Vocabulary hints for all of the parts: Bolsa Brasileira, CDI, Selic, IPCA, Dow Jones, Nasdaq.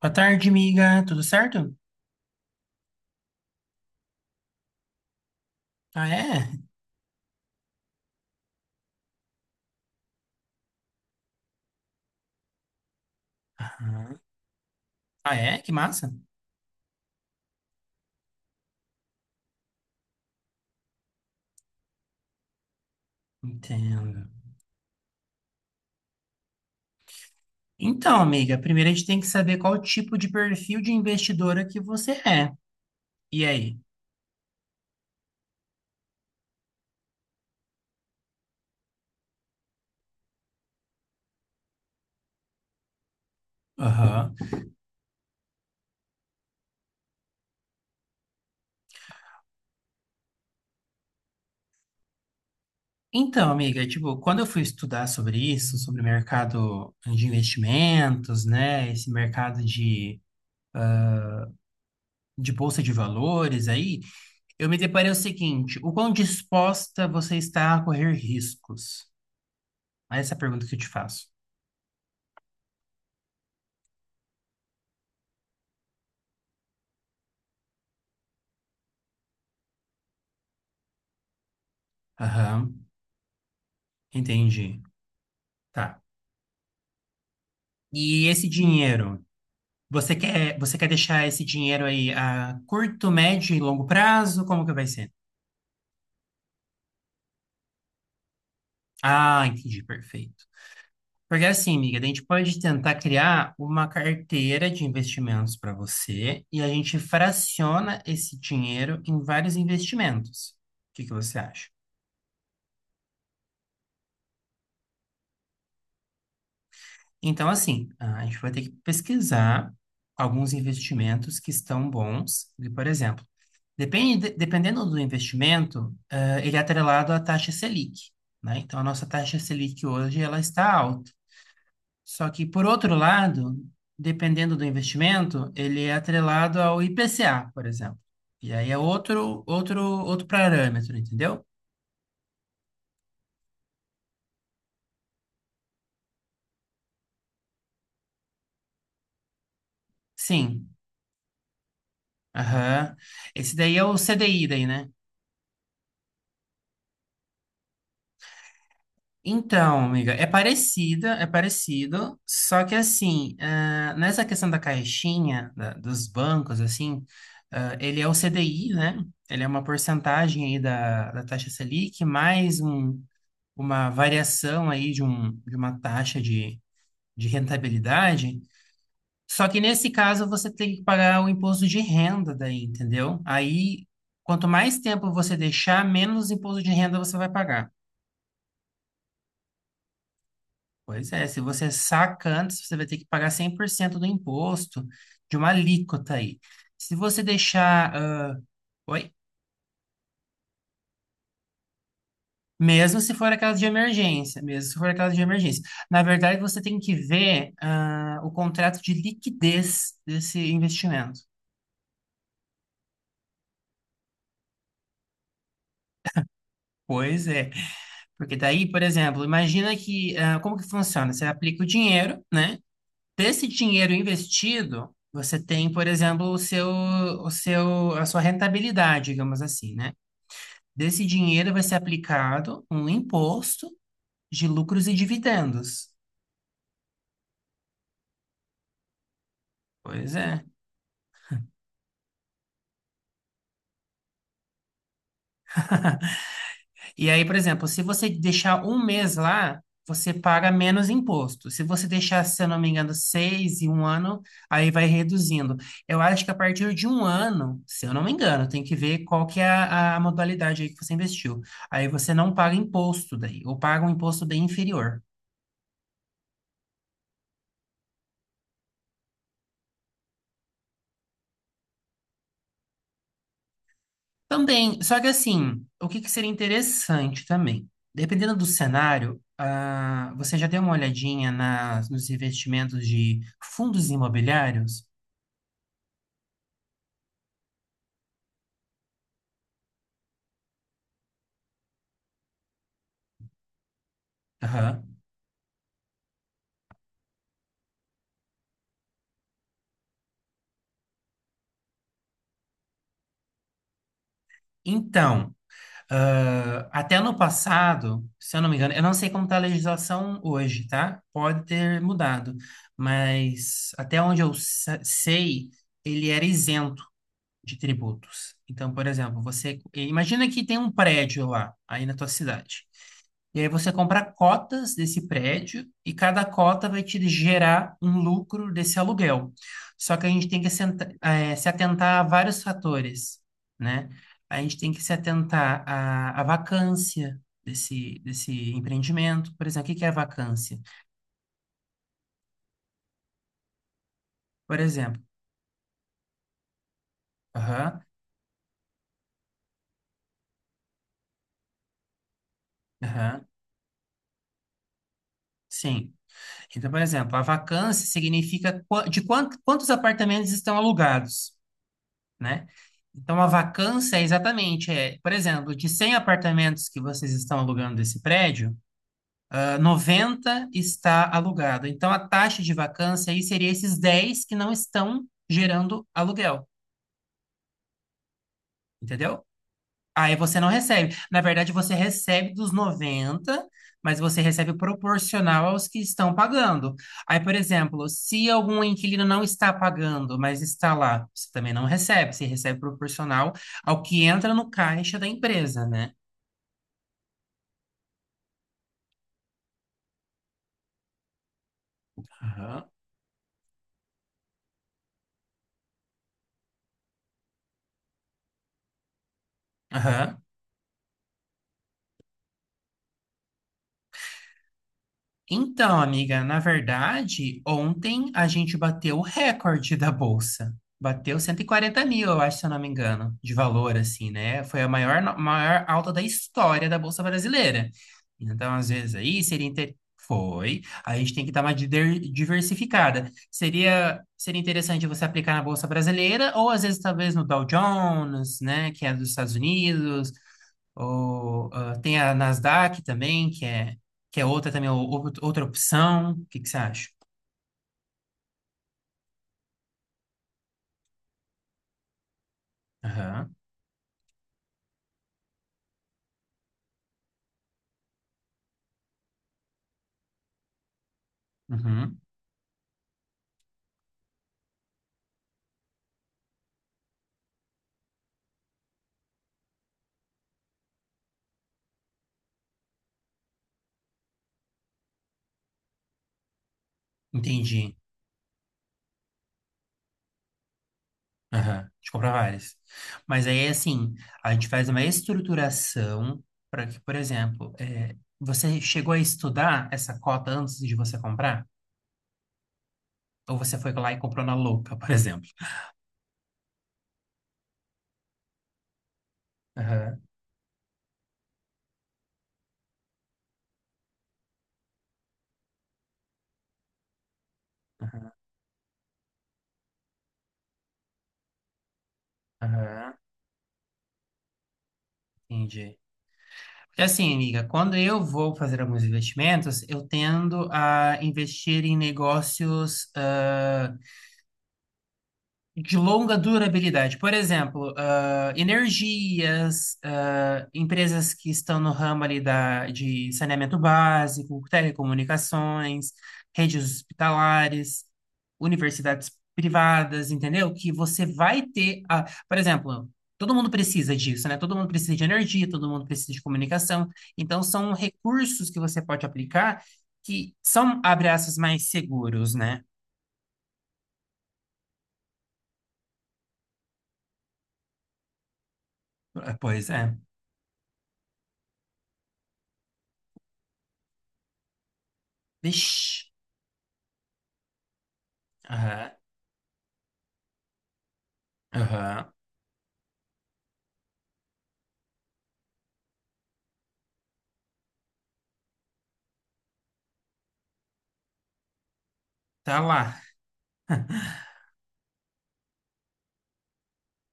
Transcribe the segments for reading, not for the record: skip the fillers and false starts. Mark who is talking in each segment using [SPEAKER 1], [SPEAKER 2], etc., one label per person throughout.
[SPEAKER 1] Boa tarde, amiga. Tudo certo? Ah, é? Aham. Ah, é? Que massa. Entendo. Então, amiga, primeiro a gente tem que saber qual tipo de perfil de investidora que você é. E aí? Aham. Então, amiga, tipo, quando eu fui estudar sobre isso, sobre o mercado de investimentos, né, esse mercado de, bolsa de valores aí, eu me deparei o seguinte, o quão disposta você está a correr riscos? Essa é a pergunta que eu te faço. Aham, entendi. Tá. E esse dinheiro, você quer deixar esse dinheiro aí a curto, médio e longo prazo? Como que vai ser? Ah, entendi, perfeito. Porque assim, amiga, a gente pode tentar criar uma carteira de investimentos para você e a gente fraciona esse dinheiro em vários investimentos. O que que você acha? Então, assim, a gente vai ter que pesquisar alguns investimentos que estão bons. E, por exemplo, depende, dependendo do investimento, ele é atrelado à taxa Selic, né? Então, a nossa taxa Selic hoje, ela está alta. Só que, por outro lado, dependendo do investimento, ele é atrelado ao IPCA, por exemplo. E aí é outro parâmetro, entendeu? Sim. Aham. Esse daí é o CDI daí, né? Então, amiga, é parecida, é parecido, só que assim, nessa questão da caixinha, dos bancos, assim, ele é o CDI, né? Ele é uma porcentagem aí da, da taxa Selic, mais uma variação aí de, de uma taxa de rentabilidade. Só que nesse caso você tem que pagar o imposto de renda daí, entendeu? Aí, quanto mais tempo você deixar, menos imposto de renda você vai pagar. Pois é, se você saca antes, você vai ter que pagar 100% do imposto de uma alíquota aí. Se você deixar. Oi? Mesmo se for aquela de emergência, mesmo se for aquela de emergência. Na verdade, você tem que ver o contrato de liquidez desse investimento. Pois é. Porque daí, por exemplo, imagina que. Como que funciona? Você aplica o dinheiro, né? Desse dinheiro investido. Você tem, por exemplo, a sua rentabilidade, digamos assim, né? Desse dinheiro vai ser aplicado um imposto de lucros e dividendos. Pois é. E aí, por exemplo, se você deixar um mês lá, você paga menos imposto. Se você deixar, se eu não me engano, seis e um ano, aí vai reduzindo. Eu acho que a partir de um ano, se eu não me engano, tem que ver qual que é a modalidade aí que você investiu. Aí você não paga imposto daí, ou paga um imposto bem inferior. Também, só que assim, o que que seria interessante também? Dependendo do cenário, você já deu uma olhadinha nas, nos investimentos de fundos imobiliários? Aham. Então, até no passado, se eu não me engano, eu não sei como está a legislação hoje, tá? Pode ter mudado, mas até onde eu sei, ele era isento de tributos. Então, por exemplo, você imagina que tem um prédio lá, aí na tua cidade. E aí você compra cotas desse prédio e cada cota vai te gerar um lucro desse aluguel. Só que a gente tem que se atentar a vários fatores, né? A gente tem que se atentar à, à vacância desse, desse empreendimento. Por exemplo, o que que é a vacância? Por exemplo, aham, aham, sim. Então, por exemplo, a vacância significa quantos apartamentos estão alugados. Né? Então, a vacância é exatamente, é, por exemplo, de 100 apartamentos que vocês estão alugando desse prédio, 90 está alugado. Então, a taxa de vacância aí seria esses 10 que não estão gerando aluguel, entendeu? Aí você não recebe. Na verdade, você recebe dos 90, mas você recebe proporcional aos que estão pagando. Aí, por exemplo, se algum inquilino não está pagando, mas está lá, você também não recebe. Você recebe proporcional ao que entra no caixa da empresa, né? Aham. Aham. Então, amiga, na verdade, ontem a gente bateu o recorde da bolsa. Bateu 140 mil, eu acho, se eu não me engano, de valor, assim, né? Foi a maior, maior alta da história da Bolsa Brasileira. Então, às vezes, aí seria. Inter... Foi. A gente tem que dar uma diversificada. Seria interessante você aplicar na Bolsa Brasileira, ou às vezes, talvez, no Dow Jones, né? Que é dos Estados Unidos. Ou, tem a Nasdaq também, que é outra também, outra opção. O que que você acha? Aham, uhum, entendi. Aham, de comprar várias. Mas aí, assim, a gente faz uma estruturação para que, por exemplo, é, você chegou a estudar essa cota antes de você comprar? Ou você foi lá e comprou na louca, por exemplo? Aham, aham, entendi. Porque assim, amiga, quando eu vou fazer alguns investimentos, eu tendo a investir em negócios de longa durabilidade. Por exemplo, energias, empresas que estão no ramo ali da, de saneamento básico, telecomunicações, redes hospitalares, universidades privadas, entendeu? Que você vai ter, a, por exemplo, todo mundo precisa disso, né? Todo mundo precisa de energia, todo mundo precisa de comunicação. Então, são recursos que você pode aplicar que são, abre aspas, mais seguros, né? Ah, pois é. Vixe. Aham. Tá lá.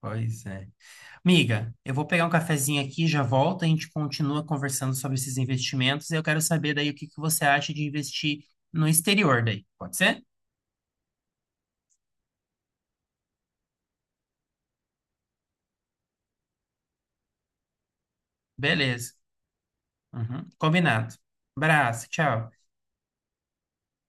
[SPEAKER 1] Pois é. Amiga, eu vou pegar um cafezinho aqui, já volto, a gente continua conversando sobre esses investimentos e eu quero saber daí o que que você acha de investir no exterior daí. Pode ser? Beleza. Uhum. Combinado. Abraço, tchau.